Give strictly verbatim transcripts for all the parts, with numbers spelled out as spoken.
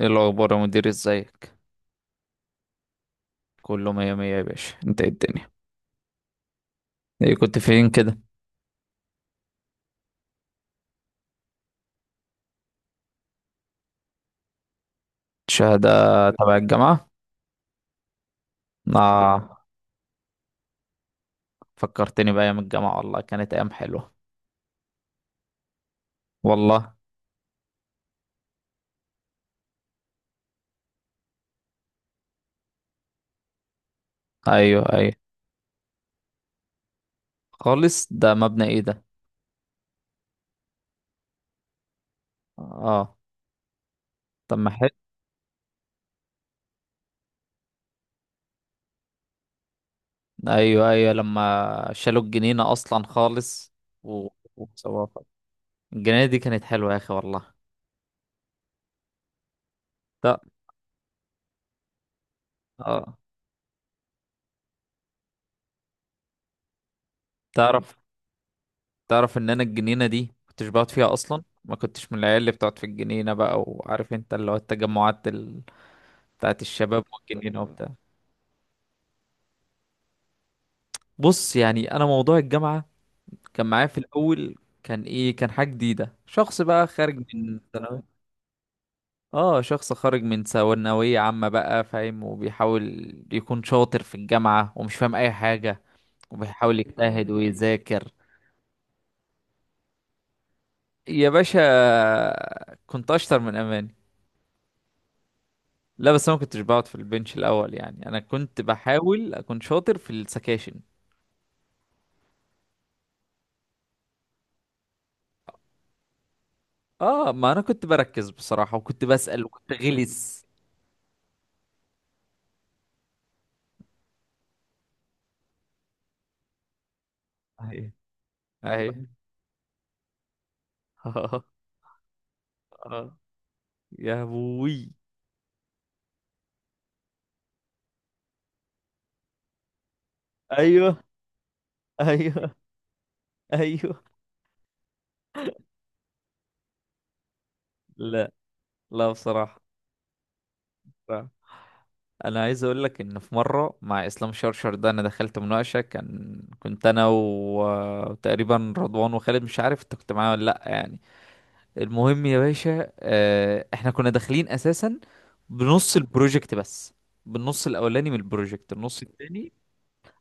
ايه الاخبار يا مدير، ازيك؟ كله مية مية يا باشا. انت ايه الدنيا؟ ايه كنت فين كده؟ شهادة تبع الجامعة؟ اه. فكرتني بأيام الجامعة والله، كانت أيام حلوة. والله. أيوه أيوه. خالص، ده مبنى ايه ده؟ اه، طب ما حلو. أيوه أيوه لما شالوا الجنينة أصلا خالص. و... وسواها. الجنينة دي كانت حلوة يا أخي والله. لا. اه. تعرف تعرف ان انا الجنينه دي كنتش بقعد فيها اصلا، ما كنتش من العيال اللي بتقعد في الجنينه بقى، وعارف انت اللي هو التجمعات ال... بتاعت الشباب والجنينه وبتاع. بص، يعني انا موضوع الجامعه كان معايا في الاول، كان ايه كان حاجه جديده، شخص بقى خارج من ثانوي. اه، شخص خارج من ثانويه عامه بقى فاهم، وبيحاول يكون شاطر في الجامعه ومش فاهم اي حاجه، وبيحاول يجتهد ويذاكر. يا باشا، كنت اشطر من اماني. لا بس انا ما كنتش بقعد في البنش الاول، يعني انا كنت بحاول اكون شاطر في السكاشن. اه، ما انا كنت بركز بصراحة، وكنت بسأل وكنت غلس. اهي اهي. آه، آه. يا ابوي. ايوه ايوه ايوه. لا، لا بصراحة. بصراحة. انا عايز اقول لك ان في مرة مع اسلام شرشر ده انا دخلت مناقشة، كان كنت انا و- وتقريبا رضوان وخالد، مش عارف انت كنت معايا ولا لا، يعني. المهم يا باشا، آه، احنا كنا داخلين اساسا بنص البروجكت بس، بالنص الاولاني من البروجكت، النص التاني.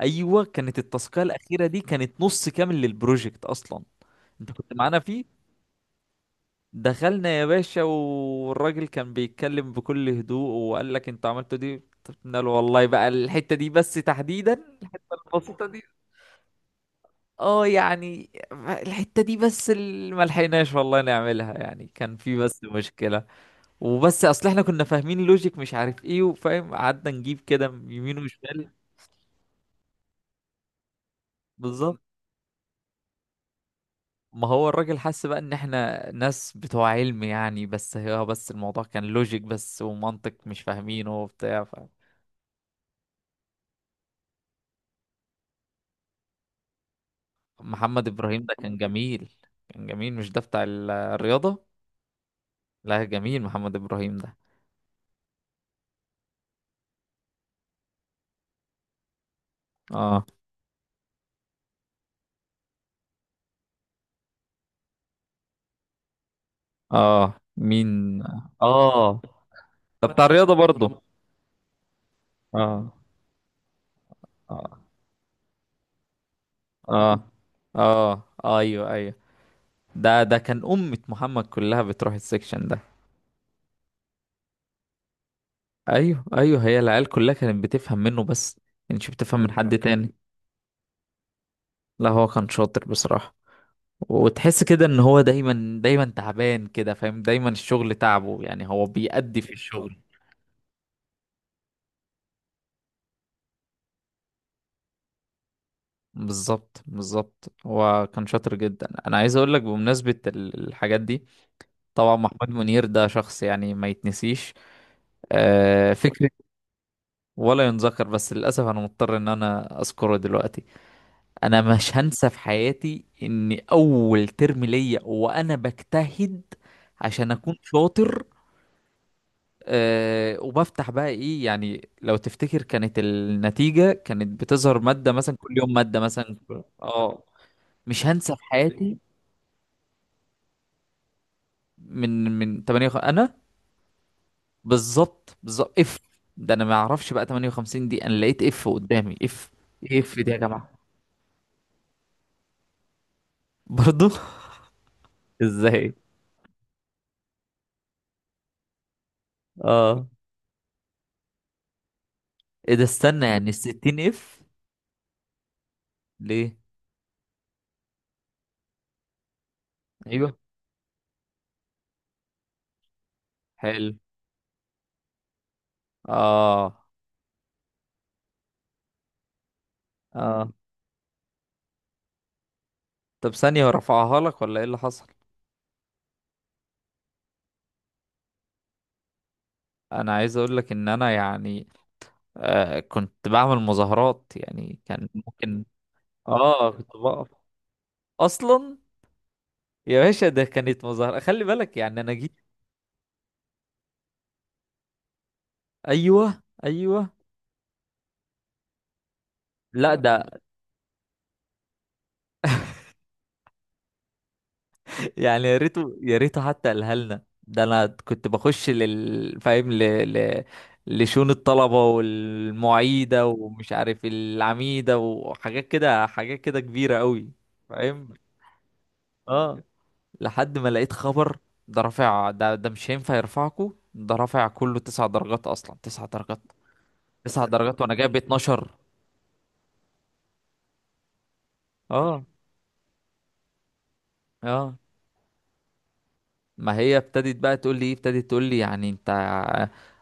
ايوه، كانت التاسكيه الاخيره دي كانت نص كامل للبروجكت اصلا. انت كنت معانا فيه. دخلنا يا باشا، والراجل كان بيتكلم بكل هدوء، وقال لك انتوا عملتوا دي؟ طب قلنا له والله بقى الحته دي بس تحديدا، الحته البسيطه دي. اه، يعني الحته دي بس اللي ملحقناش والله نعملها، يعني كان في بس مشكله، وبس اصل احنا كنا فاهمين لوجيك، مش عارف ايه، وفاهم، قعدنا نجيب كده يمين وشمال. بالظبط. ما هو الراجل حس بقى ان احنا ناس بتوع علم يعني، بس هي بس الموضوع كان لوجيك بس ومنطق مش فاهمينه وبتاع. ف... محمد ابراهيم ده كان جميل. كان جميل، مش ده بتاع ال- الرياضة؟ لا جميل محمد ابراهيم ده. اه اه. مين؟ اه، ده بتاع الرياضة برضه. اه اه اه اه. ايوه ايوه. ده ده كان أمة محمد كلها بتروح السكشن ده. أيوه أيوه، هي العيال كلها كانت بتفهم منه بس، كانتش بتفهم من حد تاني. لا، هو كان شاطر بصراحة، وتحس كده إن هو دايما دايما تعبان كده، فاهم، دايما الشغل تعبه يعني، هو بيأدي في الشغل. بالظبط بالظبط، هو كان شاطر جدا. أنا عايز أقول لك بمناسبة ال- الحاجات دي، طبعا محمود منير ده شخص يعني ما يتنسيش. آه، فكرة. ولا ينذكر، بس للأسف أنا مضطر إن أنا أذكره دلوقتي. انا مش هنسى في حياتي ان اول ترم ليا وانا بجتهد عشان اكون شاطر، أه، وبفتح بقى ايه يعني، لو تفتكر كانت النتيجة كانت بتظهر مادة مثلا كل يوم مادة مثلا. اه، مش هنسى في حياتي. من من ثمانية انا. بالظبط بالظبط اف. ده انا ما اعرفش بقى تمانية وخمسين دي انا لقيت اف قدامي اف. اف دي يا جماعة. برضو. ازاي. اه، ايه ده؟ استنى، يعني ستين اف؟ ليه؟ ايوه حلو. اه اه. طب ثانية، هو رفعها لك ولا ايه اللي حصل؟ انا عايز اقول لك ان انا يعني، آه كنت بعمل مظاهرات، يعني كان ممكن. اه، كنت بقف اصلا. يا باشا، ده كانت مظاهرة خلي بالك، يعني انا جيت. ايوه ايوه. لا ده يعني، يا ريته يا ريته حتى قالها لنا، ده انا كنت بخش لل، فاهم، ل... ل... لشؤون الطلبة، والمعيدة، ومش عارف، العميدة، وحاجات كده، حاجات كده كبيرة قوي. فاهم. اه. لحد ما لقيت خبر، ده رافع، ده ده مش هينفع يرفعكوا، ده رافع كله تسع درجات اصلا، تسع درجات، تسع درجات وانا جايب اتناشر. اه اه. ما هي ابتدت بقى تقول لي ايه، ابتدت تقول لي، يعني انت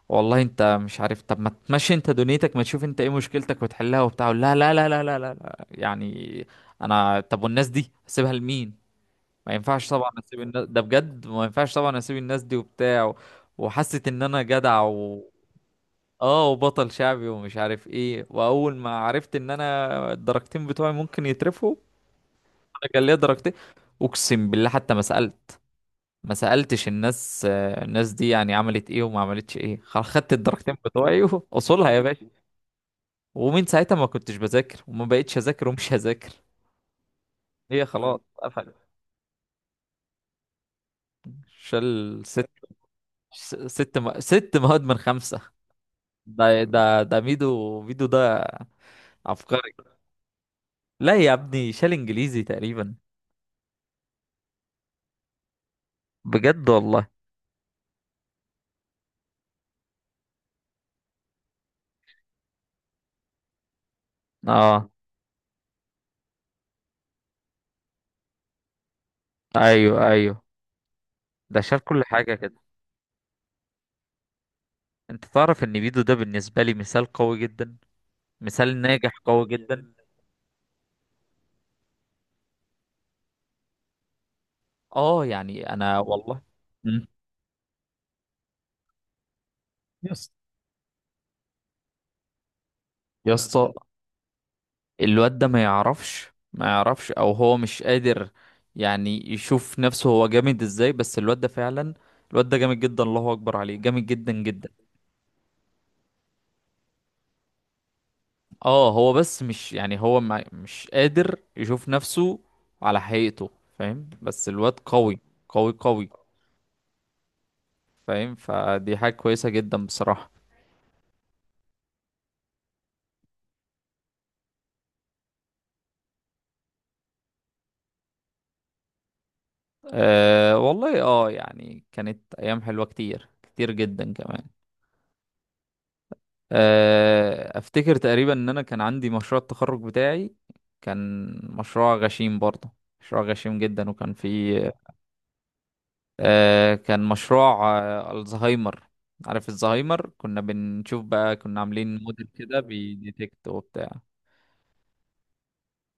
والله انت مش عارف، طب ما تمشي انت دنيتك، ما تشوف انت ايه مشكلتك وتحلها وبتاع. أقول لها لا لا لا لا لا لا، يعني انا طب والناس دي اسيبها لمين؟ ما ينفعش طبعا اسيب الناس ده بجد، ما ينفعش طبعا اسيب الناس دي وبتاع، و... وحست ان انا جدع، و... اه، وبطل شعبي ومش عارف ايه، واول ما عرفت ان انا الدرجتين بتوعي ممكن يترفوا، انا كان ليا درجتين، اقسم بالله حتى ما سألت. ما سألتش الناس، آه، الناس دي يعني عملت ايه وما عملتش ايه. خ- خدت الدرجتين بتوعي. وصولها يا باشا. ومن ساعتها ما كنتش بذاكر، وما بقتش اذاكر، ومش هذاكر. هي خلاص قفل. شال ست، س- ست م... ست مواد من خمسة. ده ده ده ميدو ميدو ده عبقري. لا يا ابني، شال انجليزي تقريبا. بجد والله. اه. ايوه ايوه. ده شال كل حاجة كده. انت تعرف ان ميدو ده بالنسبة لي مثال قوي جدا، مثال ناجح قوي جدا. اه، يعني انا والله. مم. يس. يا اسطى، الواد ده ما يعرفش، ما يعرفش، او هو مش قادر يعني يشوف نفسه، هو جامد ازاي؟ بس الواد ده فعلا، الواد ده جامد جدا، الله اكبر عليه، جامد جدا جدا. اه، هو بس، مش يعني هو ما مش قادر يشوف نفسه على حقيقته، فاهم، بس الواد قوي، قوي قوي. فاهم، فدي حاجة كويسة جدا بصراحة. أه والله، اه يعني كانت ايام حلوة، كتير كتير جدا كمان. آه، افتكر تقريبا ان انا كان عندي مشروع التخرج بتاعي، كان مشروع غشيم برضه، مشروع غشيم جدا، وكان فيه، آه، كان مشروع، آه، الزهايمر. عارف الزهايمر؟ كنا بنشوف بقى، كنا عاملين موديل كده بيديتكت وبتاع.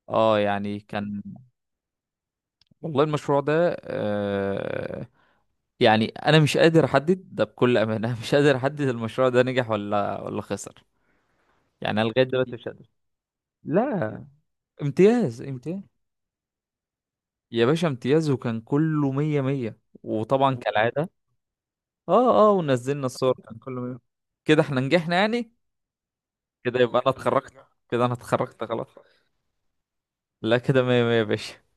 اه، يعني كان. والله المشروع ده، آه، يعني انا مش قادر احدد ده بكل امانه. مش قادر احدد المشروع ده نجح ولا ولا خسر، يعني أنا لغايه دلوقتي مش قادر. لا، امتياز امتياز. يا باشا امتياز، وكان كله مية مية، وطبعا كالعادة. اه اه، ونزلنا الصور كان كله مية. كده احنا نجحنا يعني، كده يبقى انا اتخرجت، كده انا اتخرجت خلاص. لا، كده مية مية يا باشا.